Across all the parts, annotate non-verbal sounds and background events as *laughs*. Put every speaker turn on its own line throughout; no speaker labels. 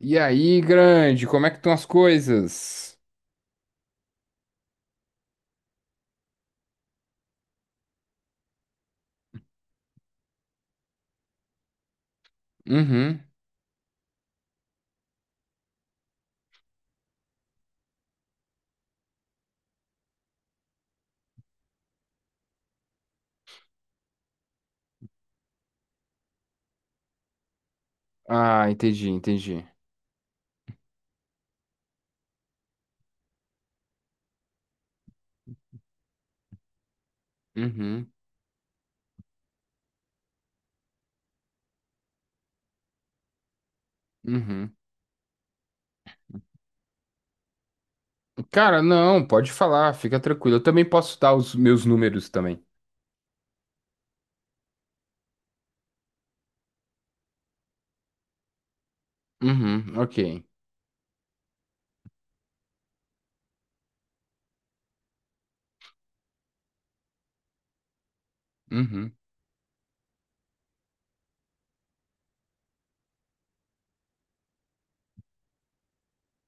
E aí, grande, como é que estão as coisas? Uhum. Ah, entendi, entendi. Uhum, uhum. Cara, não, pode falar, fica tranquilo. Eu também posso dar os meus números também. Uhum, ok. Uhum,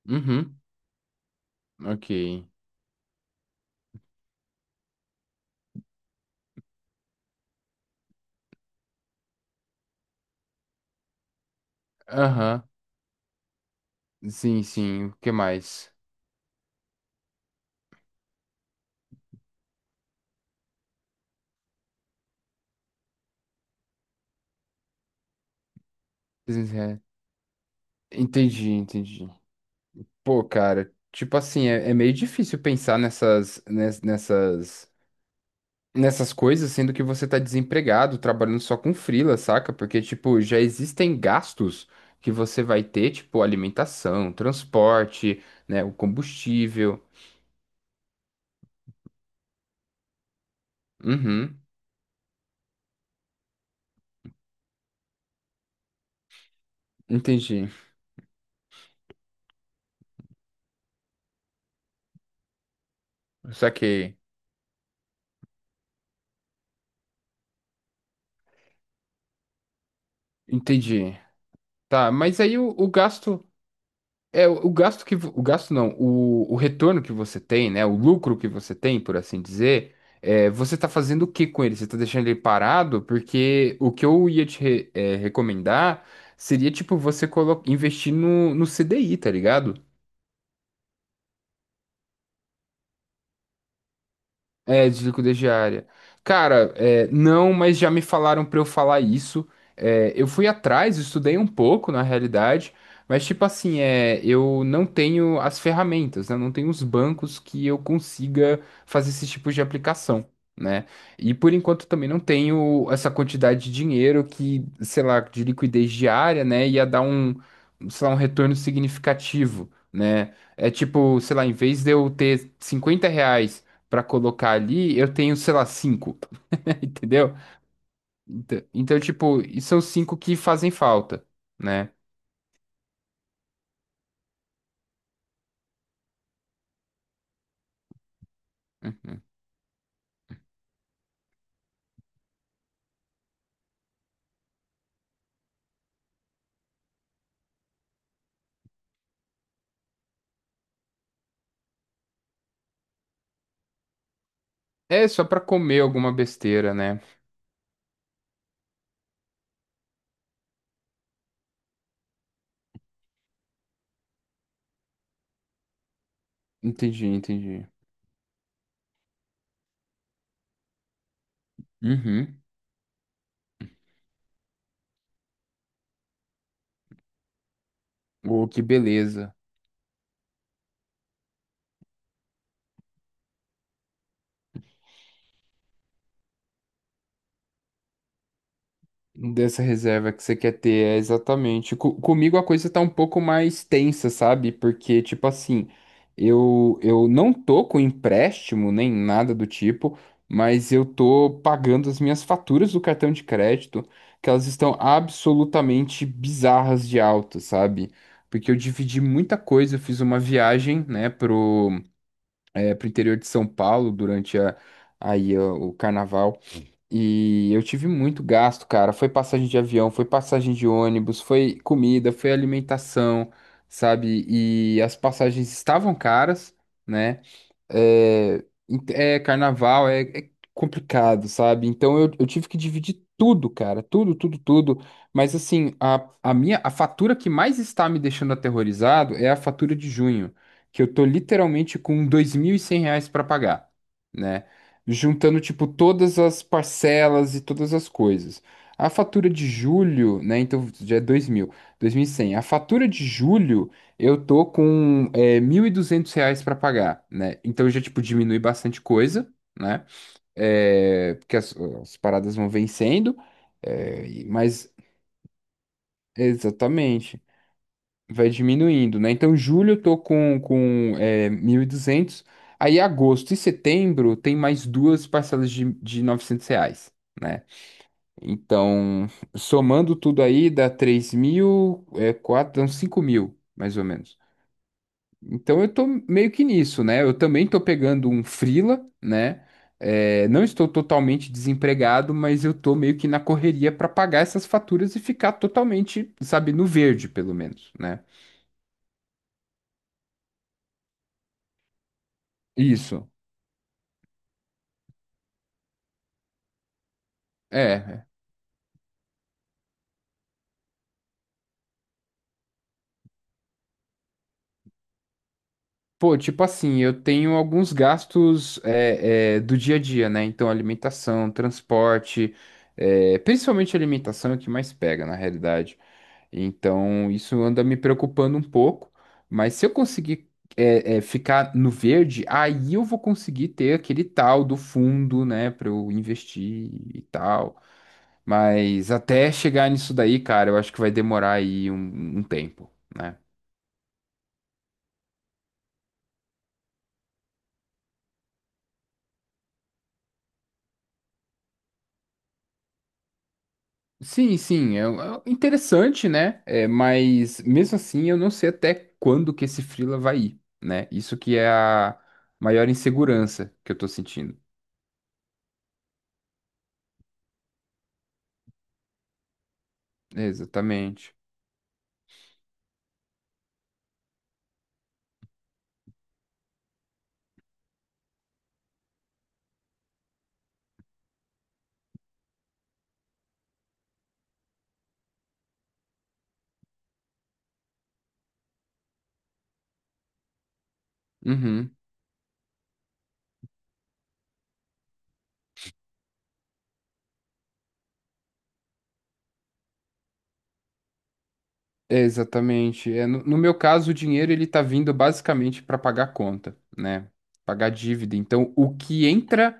uhum, ok. Aham, sim, sim, o que mais? Entendi, entendi. Pô, cara, tipo assim, é meio difícil pensar nessas, ness- nessas nessas coisas, sendo que você tá desempregado, trabalhando só com freela, saca? Porque, tipo, já existem gastos que você vai ter, tipo, alimentação, transporte, né, o combustível. Uhum, entendi. Saquei. Entendi. Tá, mas aí o gasto. É, o gasto que, o gasto não, o retorno que você tem, né, o lucro que você tem, por assim dizer, você está fazendo o que com ele? Você está deixando ele parado? Porque o que eu ia te recomendar seria, tipo, você investir no CDI, tá ligado? É, de liquidez diária. Cara, é, não, mas já me falaram pra eu falar isso. É, eu fui atrás, estudei um pouco, na realidade, mas tipo assim, eu não tenho as ferramentas, né? Não tenho os bancos que eu consiga fazer esse tipo de aplicação, né? E por enquanto também não tenho essa quantidade de dinheiro que, sei lá, de liquidez diária, né? Ia dar um, sei lá, um retorno significativo, né? É tipo, sei lá, em vez de eu ter R$ 50 para colocar ali, eu tenho, sei lá, cinco, *laughs* entendeu? Então, tipo, e são cinco que fazem falta, né? Uhum. É só para comer alguma besteira, né? Entendi, entendi. Uhum. Oh, que beleza. Dessa reserva que você quer ter, é exatamente. Comigo a coisa tá um pouco mais tensa, sabe? Porque, tipo assim, eu não tô com empréstimo nem nada do tipo, mas eu tô pagando as minhas faturas do cartão de crédito, que elas estão absolutamente bizarras de alta, sabe? Porque eu dividi muita coisa, eu fiz uma viagem, né, pro interior de São Paulo durante aí, ó, o carnaval e eu tive muito gasto, cara. Foi passagem de avião, foi passagem de ônibus, foi comida, foi alimentação, sabe? E as passagens estavam caras, né? É, é carnaval, é complicado, sabe? Então eu tive que dividir tudo, cara, tudo, tudo, tudo. Mas assim, a fatura que mais está me deixando aterrorizado é a fatura de junho, que eu tô literalmente com R$ 2.100 para pagar, né? Juntando, tipo, todas as parcelas e todas as coisas. A fatura de julho, né? Então já é dois dois mil, dois mil e cem. A fatura de julho eu tô com R$ 1.200 para pagar, né? Então já, tipo, diminui bastante coisa, né? É, porque as paradas vão vencendo, mas exatamente, vai diminuindo, né? Então julho eu tô com 1.200, aí agosto e setembro tem mais duas parcelas de R$ 900. Né? Então, somando tudo aí, dá 3 mil, é, quatro, dá dão 5 mil, mais ou menos. Então eu tô meio que nisso, né? Eu também tô pegando um freela, né? É, não estou totalmente desempregado, mas eu tô meio que na correria para pagar essas faturas e ficar totalmente, sabe, no verde, pelo menos, né? Isso. É, é. Pô, tipo assim, eu tenho alguns gastos do dia a dia, né? Então, alimentação, transporte, principalmente alimentação é o que mais pega, na realidade. Então, isso anda me preocupando um pouco, mas se eu conseguir ficar no verde, aí eu vou conseguir ter aquele tal do fundo, né, para eu investir e tal. Mas até chegar nisso daí, cara, eu acho que vai demorar aí um tempo, né? Sim, sim, é interessante, né? É, mas mesmo assim, eu não sei até quando que esse freela vai ir, né? Isso que é a maior insegurança que eu tô sentindo. Exatamente. Uhum. É, exatamente. É, no meu caso, o dinheiro ele está vindo basicamente para pagar conta, né? Pagar dívida. Então, o que entra,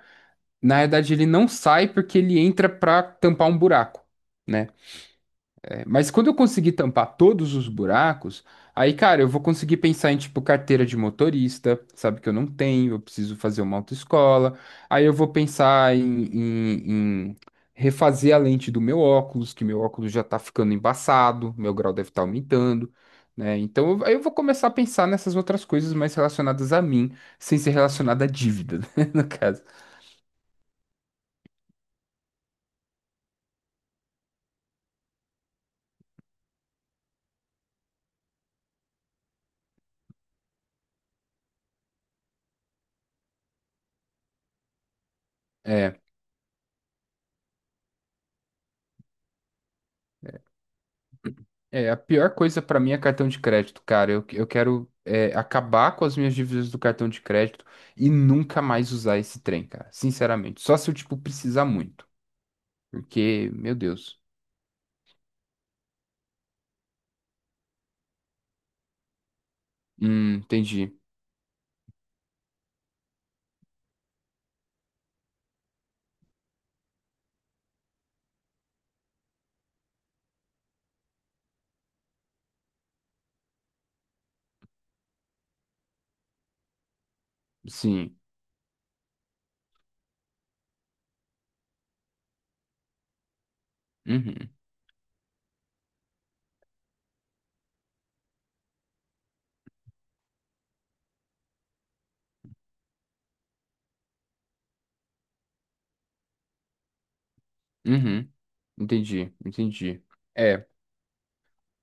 na verdade, ele não sai porque ele entra para tampar um buraco, né? É, mas quando eu conseguir tampar todos os buracos, aí, cara, eu vou conseguir pensar em, tipo, carteira de motorista, sabe, que eu não tenho, eu preciso fazer uma autoescola. Aí eu vou pensar em refazer a lente do meu óculos, que meu óculos já tá ficando embaçado, meu grau deve estar aumentando, né? Então, aí eu vou começar a pensar nessas outras coisas mais relacionadas a mim, sem ser relacionada à dívida, *laughs* né, no caso. É, É, a pior coisa pra mim é cartão de crédito, cara. Eu quero acabar com as minhas dívidas do cartão de crédito e nunca mais usar esse trem, cara. Sinceramente. Só se eu, tipo, precisar muito. Porque, meu Deus. Entendi. Sim. Uhum. Uhum. Entendi. Entendi. É,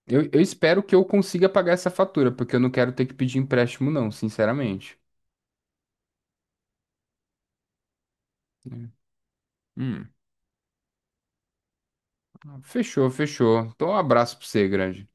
eu espero que eu consiga pagar essa fatura, porque eu não quero ter que pedir empréstimo, não, sinceramente. Hum. Hum. Fechou, fechou. Então, um abraço pra você, grande.